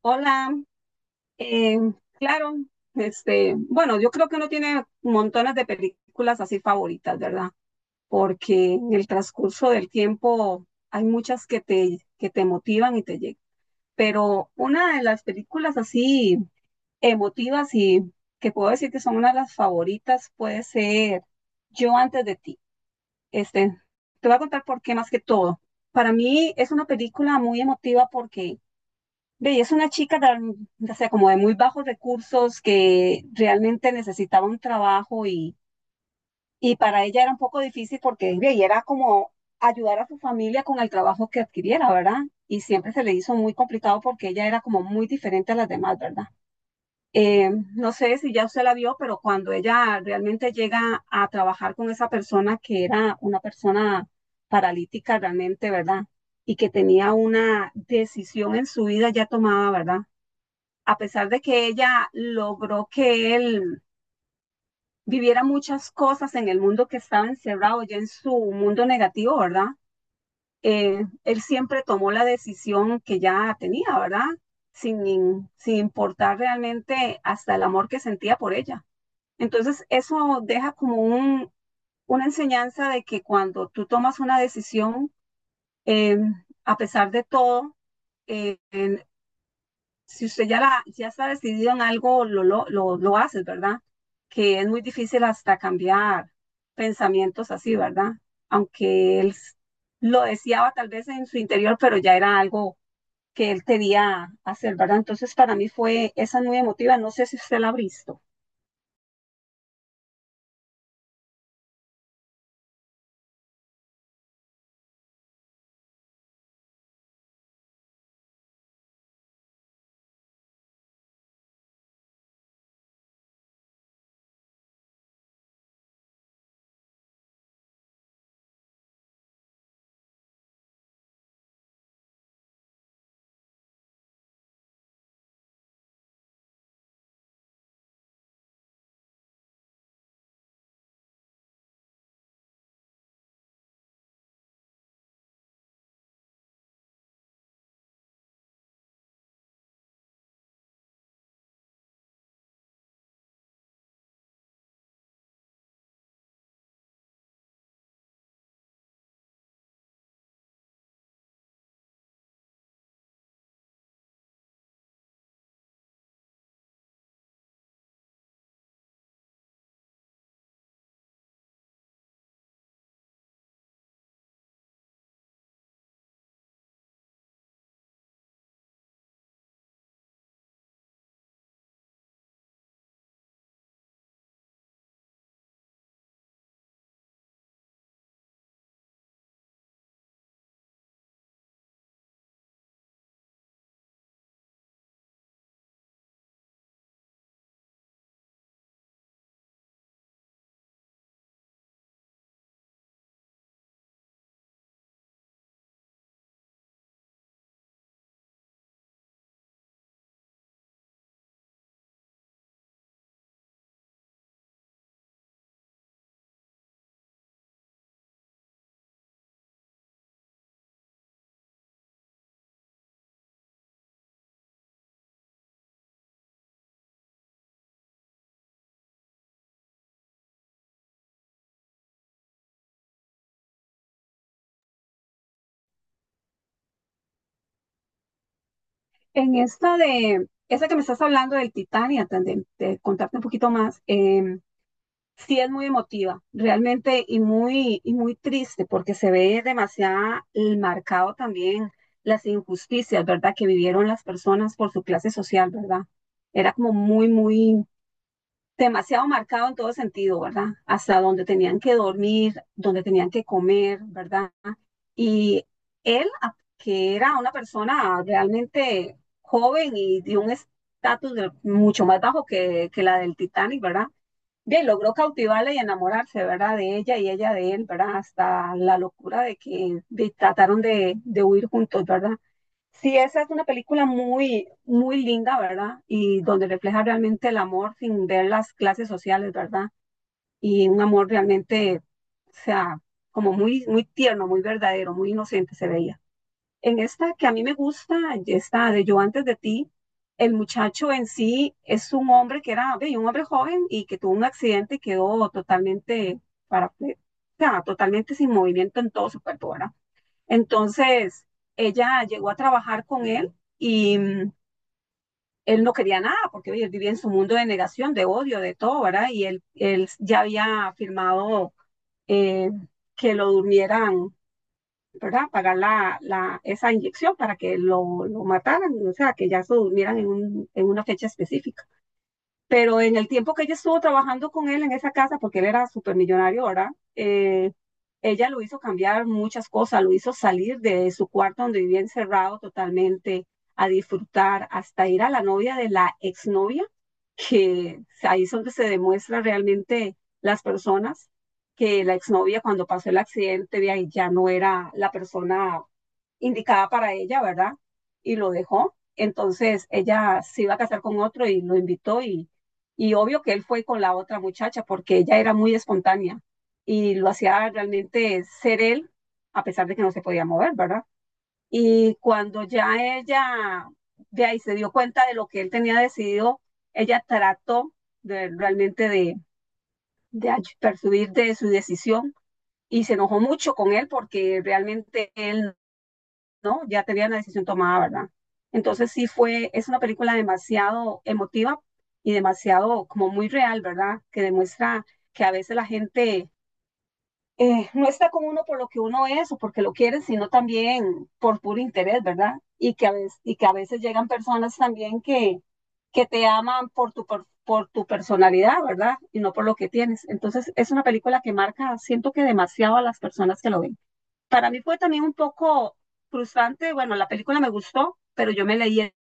Hola, eh, claro, bueno, yo creo que uno tiene montones de películas así favoritas, ¿verdad? Porque en el transcurso del tiempo hay muchas que te motivan y te llegan. Pero una de las películas así emotivas y que puedo decir que son una de las favoritas puede ser Yo antes de ti. Este, Te voy a contar por qué más que todo. Para mí es una película muy emotiva porque ve, y es una chica tan, o sea, como de muy bajos recursos que realmente necesitaba un trabajo, y para ella era un poco difícil porque ve, y era como ayudar a su familia con el trabajo que adquiriera, ¿verdad? Y siempre se le hizo muy complicado porque ella era como muy diferente a las demás, ¿verdad? Eh, no sé si ya usted la vio, pero cuando ella realmente llega a trabajar con esa persona que era una persona paralítica realmente, ¿verdad? Y que tenía una decisión en su vida ya tomada, ¿verdad?, a pesar de que ella logró que él viviera muchas cosas en el mundo, que estaba encerrado ya en su mundo negativo, ¿verdad? Él siempre tomó la decisión que ya tenía, ¿verdad? Sin importar realmente hasta el amor que sentía por ella. Entonces, eso deja como un, una enseñanza de que cuando tú tomas una decisión, eh, a pesar de todo, eh, si usted ya, ya está decidido en algo, lo haces, ¿verdad? Que es muy difícil hasta cambiar pensamientos así, ¿verdad? Aunque lo deseaba tal vez en su interior, pero ya era algo que él quería hacer, ¿verdad? Entonces para mí fue esa muy emotiva, no sé si usted la ha visto. En esa que me estás hablando del Titanic, antes de contarte un poquito más, sí es muy emotiva, realmente, y y muy triste, porque se ve demasiado marcado también las injusticias, ¿verdad?, que vivieron las personas por su clase social, ¿verdad? Era como demasiado marcado en todo sentido, ¿verdad? Hasta donde tenían que dormir, donde tenían que comer, ¿verdad? Y él, que era una persona realmente joven y de un mucho más bajo que la del Titanic, ¿verdad?, bien, logró cautivarla y enamorarse, ¿verdad? De ella y ella de él, ¿verdad? Hasta la locura de que trataron de huir juntos, ¿verdad? Sí, esa es una película muy linda, ¿verdad? Y donde refleja realmente el amor sin ver las clases sociales, ¿verdad? Y un amor realmente, o sea, como muy tierno, muy verdadero, muy inocente se veía. En esta que a mí me gusta, está de Yo antes de ti, el muchacho en sí es un hombre que era ve, un hombre joven y que tuvo un accidente y quedó totalmente o sea, totalmente sin movimiento en todo su cuerpo, ¿verdad? Entonces, ella llegó a trabajar con él y él no quería nada porque ve, él vivía en su mundo de negación, de odio, de todo, ¿verdad? Y él ya había firmado eh, que lo durmieran, ¿verdad? Pagar esa inyección para que lo mataran, o sea, que ya se durmieran en una fecha específica. Pero en el tiempo que ella estuvo trabajando con él en esa casa, porque él era súper millonario, ¿verdad? Eh, Ella lo hizo cambiar muchas cosas, lo hizo salir de su cuarto donde vivía encerrado totalmente, a disfrutar, hasta ir a la novia de la exnovia, que ahí es donde se demuestra realmente las personas, que la exnovia cuando pasó el accidente, vea, y ya no era la persona indicada para ella, ¿verdad? Y lo dejó. Entonces ella se iba a casar con otro y lo invitó, y obvio que él fue con la otra muchacha porque ella era muy espontánea y lo hacía realmente ser él a pesar de que no se podía mover, ¿verdad? Y cuando ya ella de ahí se dio cuenta de lo que él tenía decidido, ella trató realmente de persuadir de su decisión y se enojó mucho con él porque realmente él, ¿no? Ya tenían la decisión tomada, ¿verdad? Entonces sí fue, es una película demasiado emotiva y demasiado como muy real, ¿verdad? Que demuestra que a veces la gente no está con uno por lo que uno es o porque lo quiere, sino también por puro interés, ¿verdad? Y que a veces llegan personas también que te aman por por tu personalidad, ¿verdad? Y no por lo que tienes. Entonces es una película que marca, siento que demasiado a las personas que lo ven, para mí fue también un poco frustrante, bueno, la película me gustó, pero yo me leí el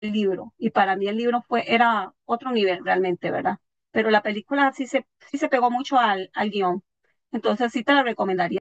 libro y para mí el libro era otro nivel realmente, ¿verdad? Pero la película sí se pegó mucho al guión, entonces sí te la recomendaría.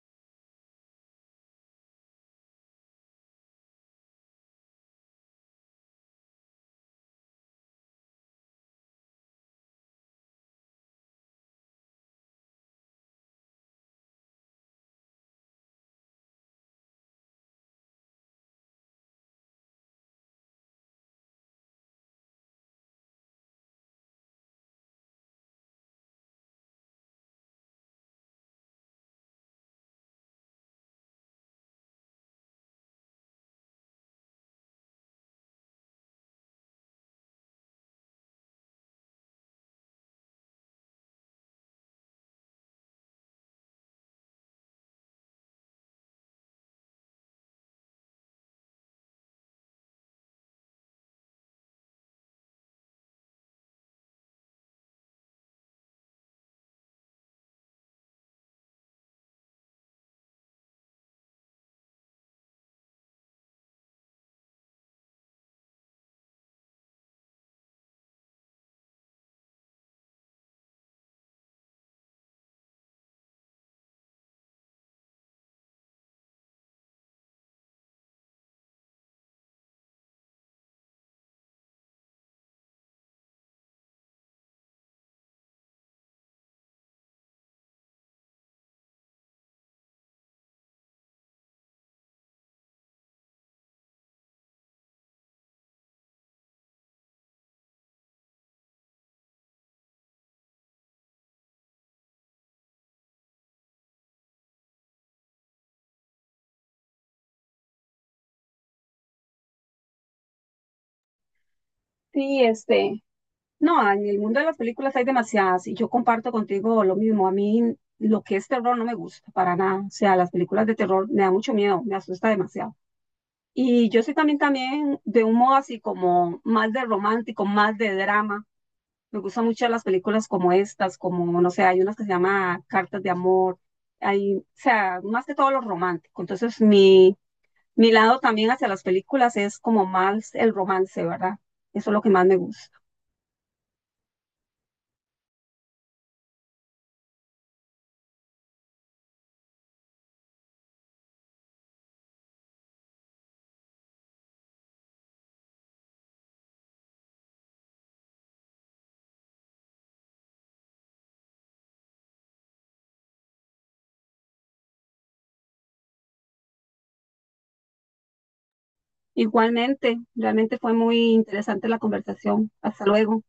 Sí, no, en el mundo de las películas hay demasiadas y yo comparto contigo lo mismo, a mí lo que es terror no me gusta para nada, o sea, las películas de terror me da mucho miedo, me asusta demasiado. Y yo soy también de un modo así como más de romántico, más de drama. Me gustan mucho las películas como estas, como, no sé, hay unas que se llama Cartas de Amor, hay, o sea, más que todo lo romántico. Entonces, mi lado también hacia las películas es como más el romance, ¿verdad? Eso es lo que más me gusta. Igualmente, realmente fue muy interesante la conversación. Hasta luego.